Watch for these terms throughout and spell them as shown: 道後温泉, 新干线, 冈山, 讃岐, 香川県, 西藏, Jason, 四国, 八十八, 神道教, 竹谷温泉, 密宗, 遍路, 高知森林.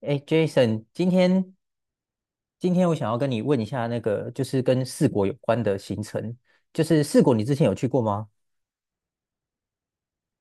哎，Jason，今天我想要跟你问一下那个，就是跟四国有关的行程，就是四国你之前有去过吗？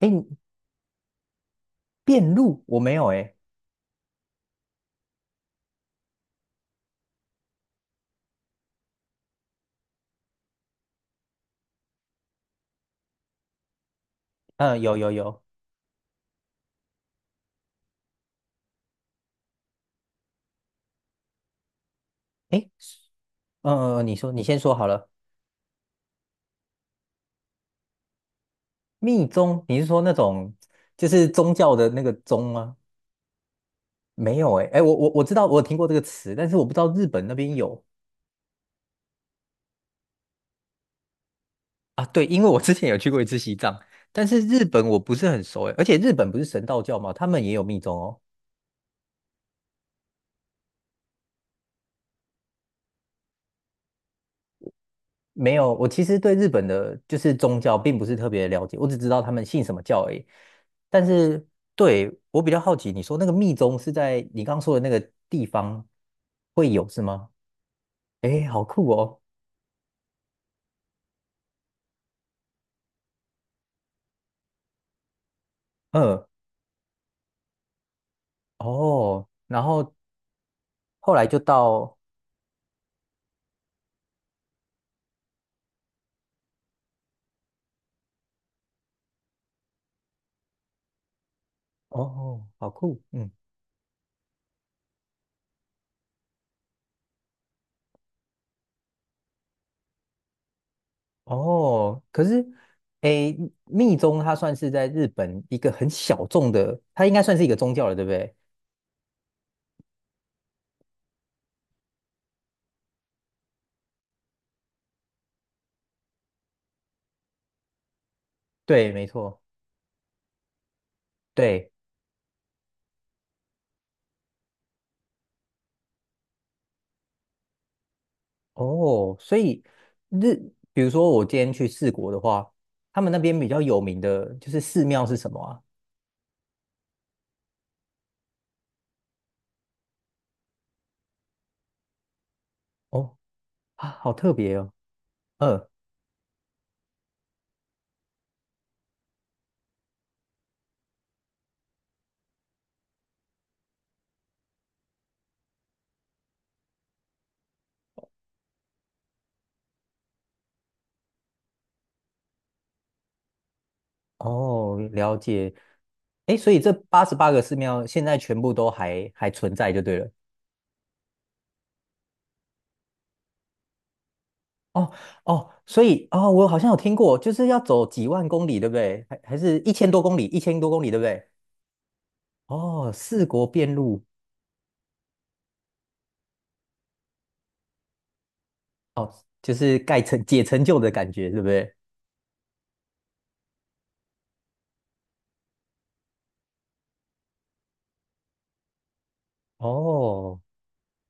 哎，遍路我没有哎。嗯，有有有。哎，你说你先说好了。密宗你是说那种就是宗教的那个宗吗？没有哎，哎，我知道我有听过这个词，但是我不知道日本那边有。啊，对，因为我之前有去过一次西藏，但是日本我不是很熟哎，而且日本不是神道教嘛，他们也有密宗哦。没有，我其实对日本的就是宗教并不是特别了解，我只知道他们信什么教而已。但是对，我比较好奇，你说那个密宗是在你刚刚说的那个地方会有是吗？诶，好酷哦。嗯，哦，然后后来就到。哦，好酷，嗯。哦，可是，诶，密宗它算是在日本一个很小众的，它应该算是一个宗教了，对不对？对，没错，对。哦，所以日，比如说我今天去四国的话，他们那边比较有名的就是寺庙是什么啊？哦，啊，好特别哦。嗯，哦，了解。诶，所以这88个寺庙现在全部都还存在就对了。哦哦，所以哦，我好像有听过，就是要走几万公里，对不对？还是一千多公里，一千多公里，对不对？哦，四国遍路。哦，就是盖成解成就的感觉，对不对？哦，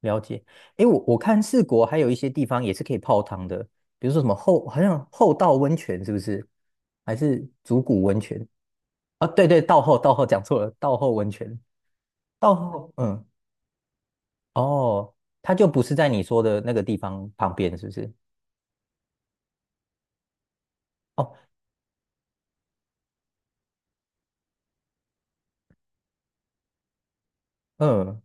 了解。诶，我看四国还有一些地方也是可以泡汤的，比如说什么好像后道温泉是不是？还是竹谷温泉？啊，对对，道后道后讲错了，道后温泉。道后，嗯，哦，它就不是在你说的那个地方旁边，是不是？哦，嗯，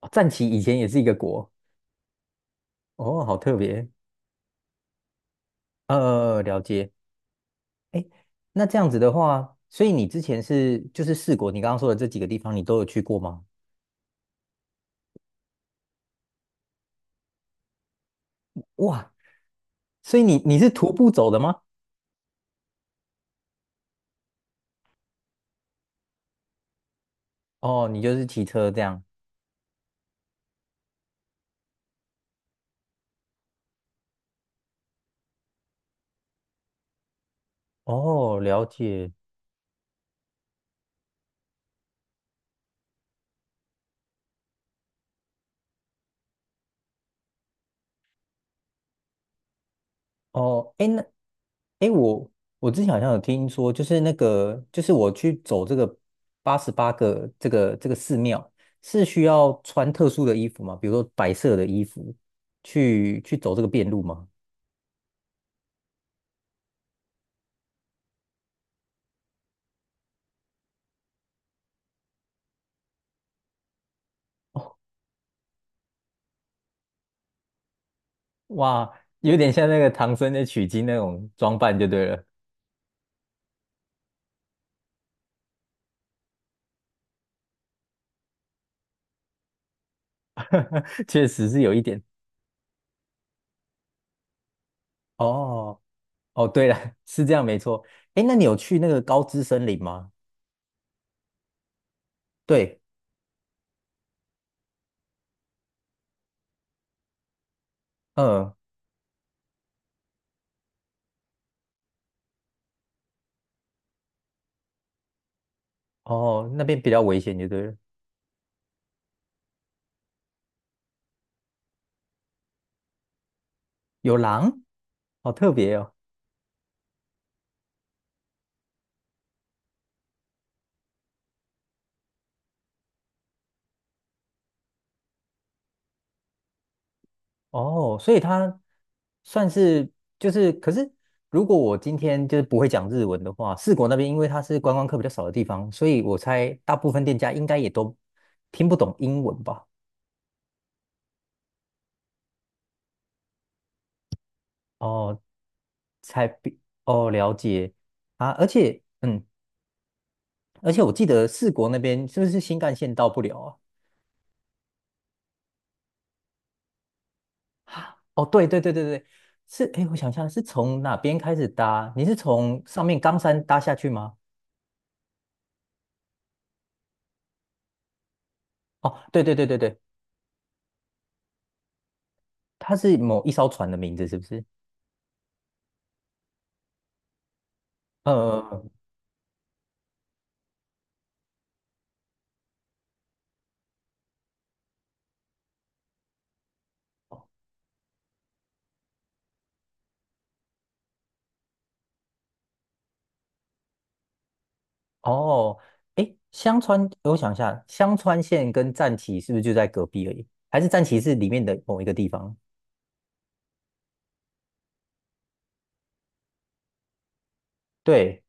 哦，战旗以前也是一个国。哦，好特别。了解。诶，那这样子的话，所以你之前是就是四国，你刚刚说的这几个地方，你都有去过吗？哇，所以你是徒步走的吗？哦，你就是骑车这样。哦，了解。哦，哎，那，哎，我之前好像有听说，就是那个，就是我去走这个八十八个这个寺庙，是需要穿特殊的衣服吗？比如说白色的衣服去走这个遍路吗？哇，有点像那个唐僧的取经那种装扮就对了。确实是有一点。哦哦，对了，是这样没错。哎，那你有去那个高知森林吗？对。嗯，哦，那边比较危险，就对了。有狼，好特别哦。哦，所以它算是就是，可是如果我今天就是不会讲日文的话，四国那边因为它是观光客比较少的地方，所以我猜大部分店家应该也都听不懂英文吧？哦，才比哦，了解啊。而且嗯，而且我记得四国那边是不是新干线到不了啊？哦，对对对对对，是，哎，我想一下，是从哪边开始搭？你是从上面冈山搭下去吗？哦，对对对对对，它是某一艘船的名字，是不是？呃，哦，哎，香川，我想一下，香川县跟战旗是不是就在隔壁而已？还是战旗是里面的某一个地方？对，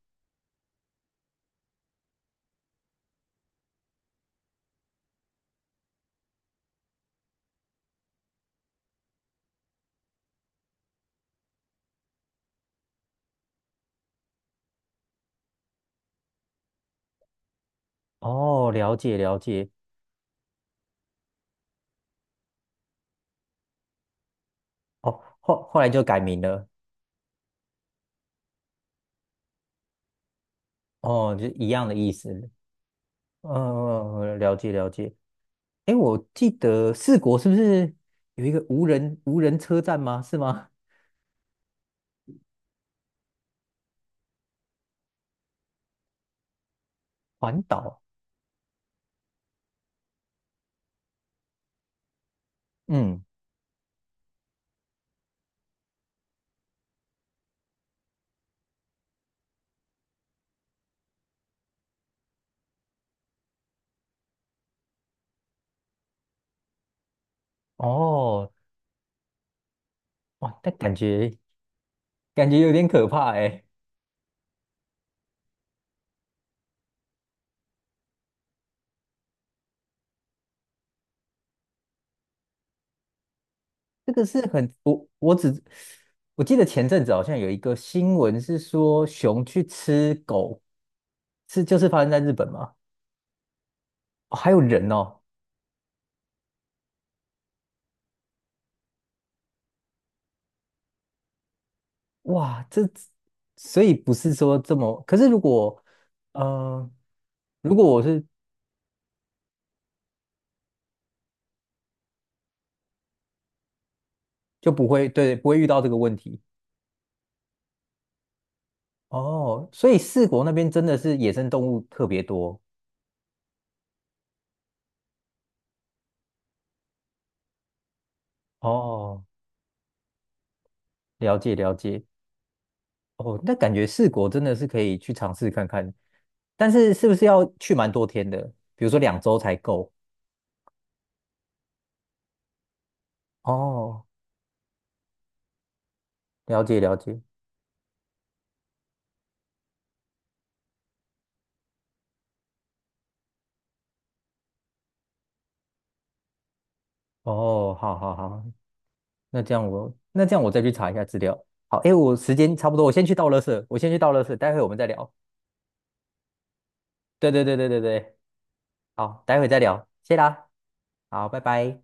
哦，了解了解。哦，后来就改名了，哦，就一样的意思。嗯，嗯嗯，了解了解。哎，我记得四国是不是有一个无人车站吗？是吗？环岛，嗯，哦，哇，那感觉有点可怕哎。这个是很，我记得前阵子好像有一个新闻是说熊去吃狗，是就是发生在日本吗？哦，还有人哦。哇，这所以不是说这么，可是如果嗯，如果我是就不会，对，不会遇到这个问题。哦，所以四国那边真的是野生动物特别多。哦，了解了解。哦，那感觉四国真的是可以去尝试看看，但是是不是要去蛮多天的？比如说2周才够。哦，了解了解。哦，好好好，那这样我再去查一下资料。好，诶，我时间差不多，我先去倒垃圾，我先去倒垃圾，待会我们再聊。对对对对对对，好，待会再聊，谢啦，好，拜拜。